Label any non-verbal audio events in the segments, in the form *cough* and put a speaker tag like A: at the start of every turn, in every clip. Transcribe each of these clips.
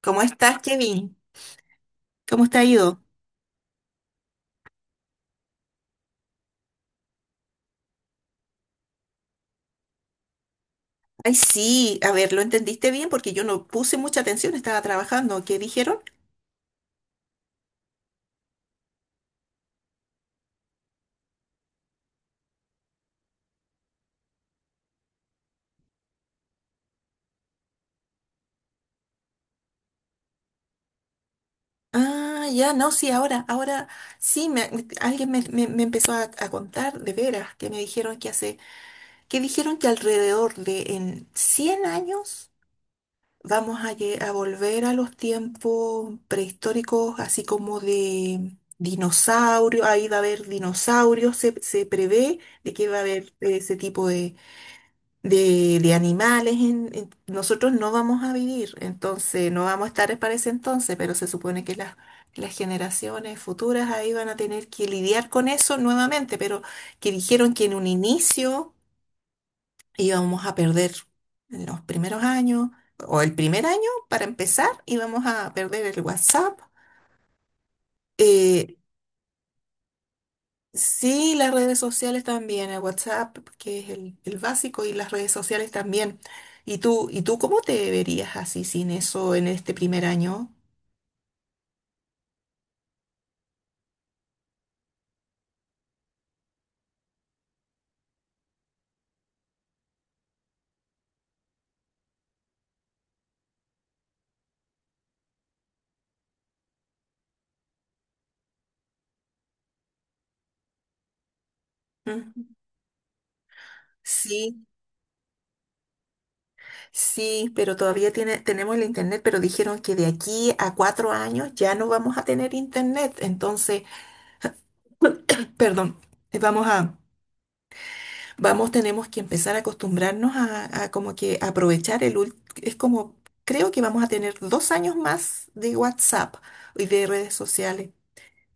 A: ¿Cómo estás, Kevin? ¿Cómo te ha ido? Ay, sí, a ver, lo entendiste bien porque yo no puse mucha atención, estaba trabajando. ¿Qué dijeron? Ah, ya, no, sí, ahora sí, alguien me empezó a contar de veras que me dijeron que dijeron que alrededor de en 100 años vamos a volver a los tiempos prehistóricos, así como de dinosaurios, ahí va a haber dinosaurios, se prevé de que va a haber ese tipo de animales, nosotros no vamos a vivir, entonces no vamos a estar para ese entonces, pero se supone que las generaciones futuras ahí van a tener que lidiar con eso nuevamente, pero que dijeron que en un inicio íbamos a perder en los primeros años, o el primer año para empezar, íbamos a perder el WhatsApp. eh, Sí, las redes sociales también, el WhatsApp, que es el básico, y las redes sociales también. ¿Y tú, cómo te verías así sin eso en este primer año? Ujú. Sí, sí, pero todavía tenemos el internet, pero dijeron que de aquí a 4 años ya no vamos a tener internet. Entonces, *clears throat* perdón, vamos a vamos, tenemos que empezar a acostumbrarnos a como que es como, creo que vamos a tener 2 años más de WhatsApp y de redes sociales,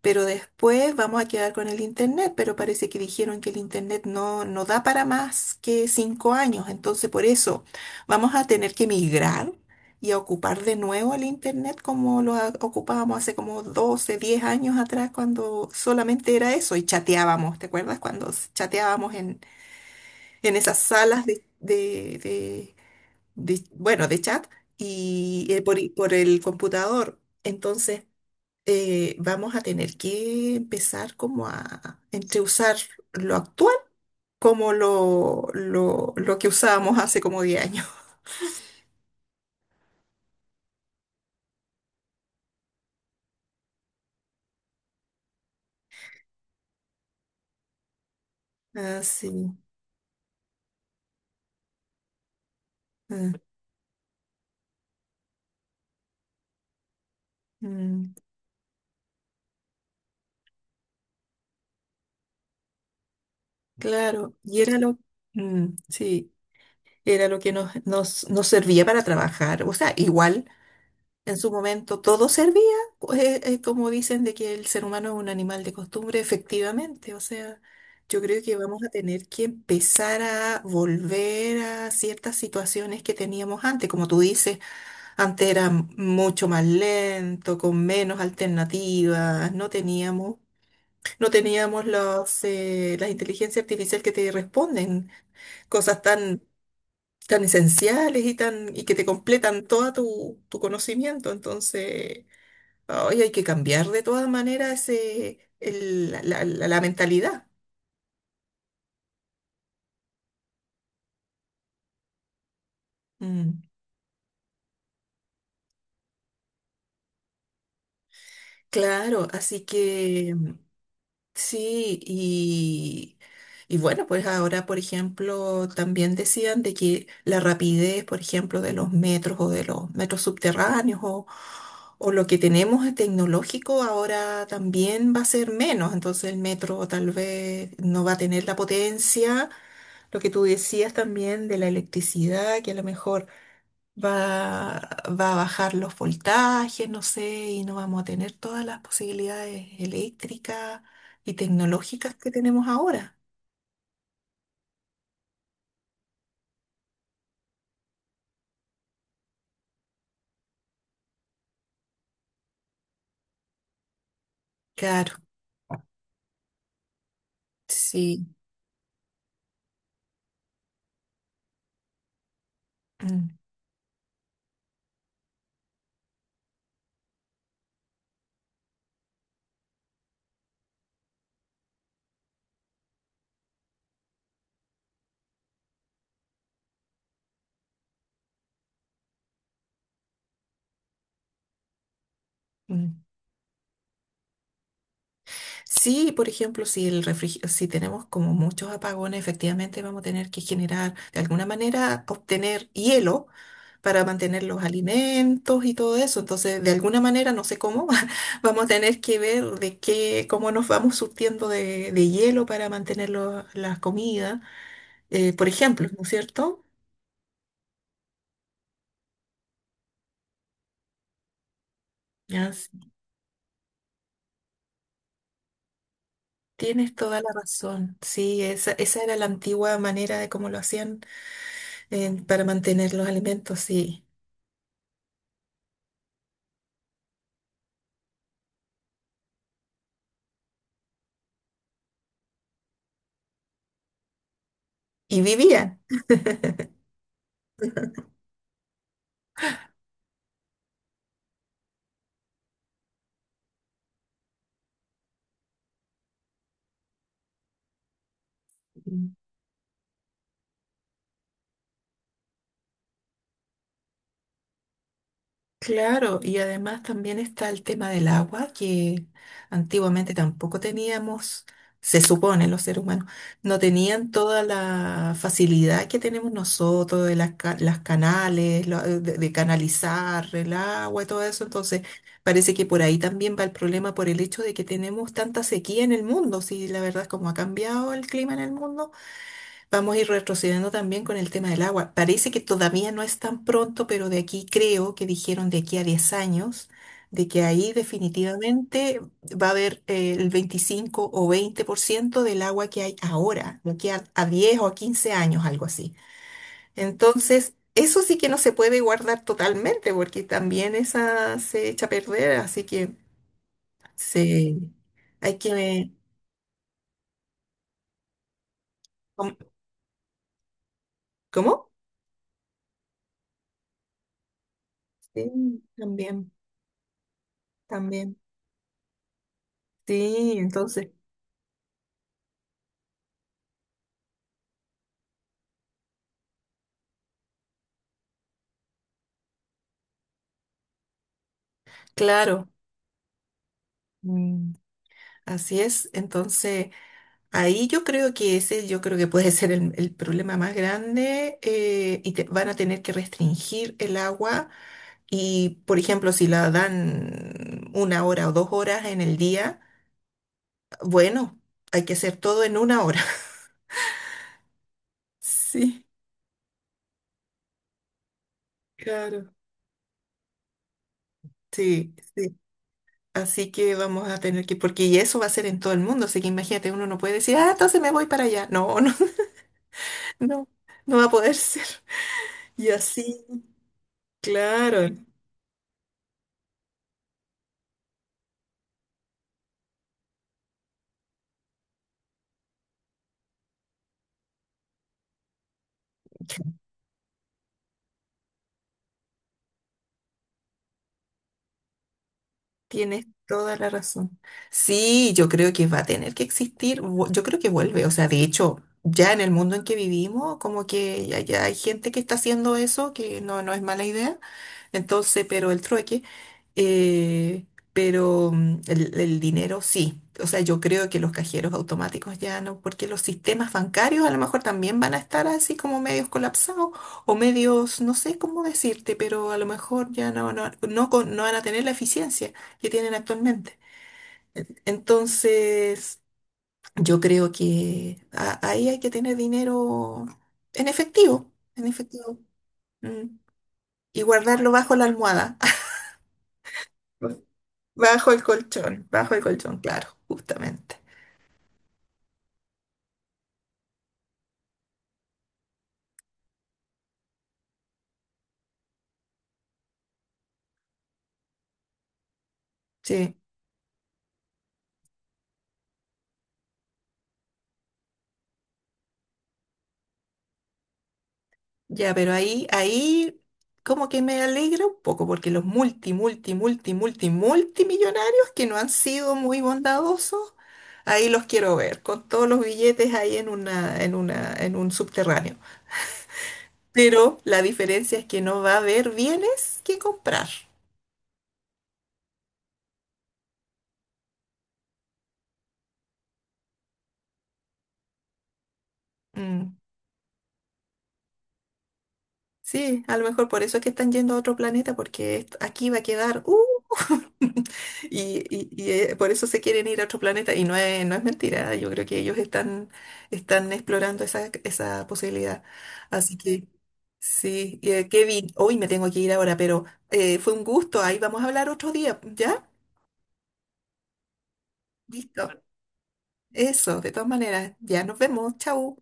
A: pero después vamos a quedar con el Internet, pero parece que dijeron que el Internet no da para más que 5 años, entonces por eso vamos a tener que migrar y a ocupar de nuevo el Internet como ocupábamos hace como 12 10 años atrás, cuando solamente era eso y chateábamos, ¿te acuerdas? Cuando chateábamos en esas salas bueno, de chat y por el computador. Entonces, vamos a tener que empezar como a entre usar lo actual como lo que usábamos hace como 10 años. *laughs* Ah, sí. Ah, mm, claro. Sí, era lo que nos servía para trabajar. O sea, igual. En su momento todo servía, como dicen de que el ser humano es un animal de costumbre, efectivamente. O sea, yo creo que vamos a tener que empezar a volver a ciertas situaciones que teníamos antes. Como tú dices, antes era mucho más lento, con menos alternativas, no teníamos las inteligencias artificiales que te responden, cosas tan, tan esenciales y tan, y que te completan todo tu conocimiento. Entonces. Hoy hay que cambiar de todas maneras la mentalidad. Mm, claro, así que sí, y bueno, pues ahora, por ejemplo, también decían de que la rapidez, por ejemplo, de los metros o de los metros subterráneos o lo que tenemos de tecnológico ahora también va a ser menos, entonces el metro tal vez no va a tener la potencia, lo que tú decías también de la electricidad, que a lo mejor va, va a bajar los voltajes, no sé, y no vamos a tener todas las posibilidades eléctricas y tecnológicas que tenemos ahora. Claro, sí. Mm, mm. Sí, por ejemplo, si tenemos como muchos apagones, efectivamente vamos a tener que generar de alguna manera obtener hielo para mantener los alimentos y todo eso. Entonces, de alguna manera, no sé cómo, *laughs* vamos a tener que ver de qué, cómo nos vamos surtiendo de hielo para mantener la comida, por ejemplo, ¿no es cierto? Ya, sí. Tienes toda la razón. Sí, esa era la antigua manera de cómo lo hacían, para mantener los alimentos, sí. Y vivían. Claro, y además también está el tema del agua, que antiguamente tampoco teníamos, se supone los seres humanos, no tenían toda la facilidad que tenemos nosotros de las canales, de canalizar el agua y todo eso. Entonces, parece que por ahí también va el problema por el hecho de que tenemos tanta sequía en el mundo. Si la verdad es como ha cambiado el clima en el mundo. Vamos a ir retrocediendo también con el tema del agua. Parece que todavía no es tan pronto, pero de aquí creo que dijeron de aquí a 10 años, de que ahí definitivamente va a haber el 25 o 20% del agua que hay ahora, de aquí a 10 o a 15 años, algo así. Entonces, eso sí que no se puede guardar totalmente, porque también esa se echa a perder, así que se, hay que. ¿Cómo? Sí, también, también. Sí, entonces. Claro, mm, así es. Entonces, ahí yo creo que yo creo que puede ser el problema más grande van a tener que restringir el agua y, por ejemplo, si la dan 1 hora o 2 horas en el día, bueno, hay que hacer todo en 1 hora. *laughs* Sí, claro. Sí, sí. Así que vamos a tener que, porque y eso va a ser en todo el mundo, así que imagínate, uno no puede decir, ah, entonces me voy para allá. No, no, *laughs* no, no va a poder ser. Y así. Claro, tienes toda la razón. Sí, yo creo que va a tener que existir, yo creo que vuelve, o sea, de hecho, ya en el mundo en que vivimos, como que ya hay gente que está haciendo eso, que no es mala idea, entonces, pero el trueque. Eh, pero el dinero sí. O sea, yo creo que los cajeros automáticos ya no, porque los sistemas bancarios a lo mejor también van a estar así como medios colapsados o medios, no sé cómo decirte, pero a lo mejor ya no, no van a tener la eficiencia que tienen actualmente. Entonces, yo creo que ahí hay que tener dinero en efectivo, en efectivo, mm, y guardarlo bajo la almohada. *laughs* Bajo el colchón, claro, justamente. Sí, ya, pero ahí como que me alegra un poco porque los multimillonarios que no han sido muy bondadosos, ahí los quiero ver, con todos los billetes ahí en en un subterráneo. Pero la diferencia es que no va a haber bienes que comprar. Mm. Sí, a lo mejor por eso es que están yendo a otro planeta, porque aquí va a quedar, ¡uh! *laughs* Y por eso se quieren ir a otro planeta. Y no es mentira, yo creo que ellos están explorando esa posibilidad. Así que, sí, Kevin, hoy me tengo que ir ahora, pero fue un gusto. Ahí vamos a hablar otro día, ¿ya? Listo. Eso, de todas maneras, ya nos vemos. Chau.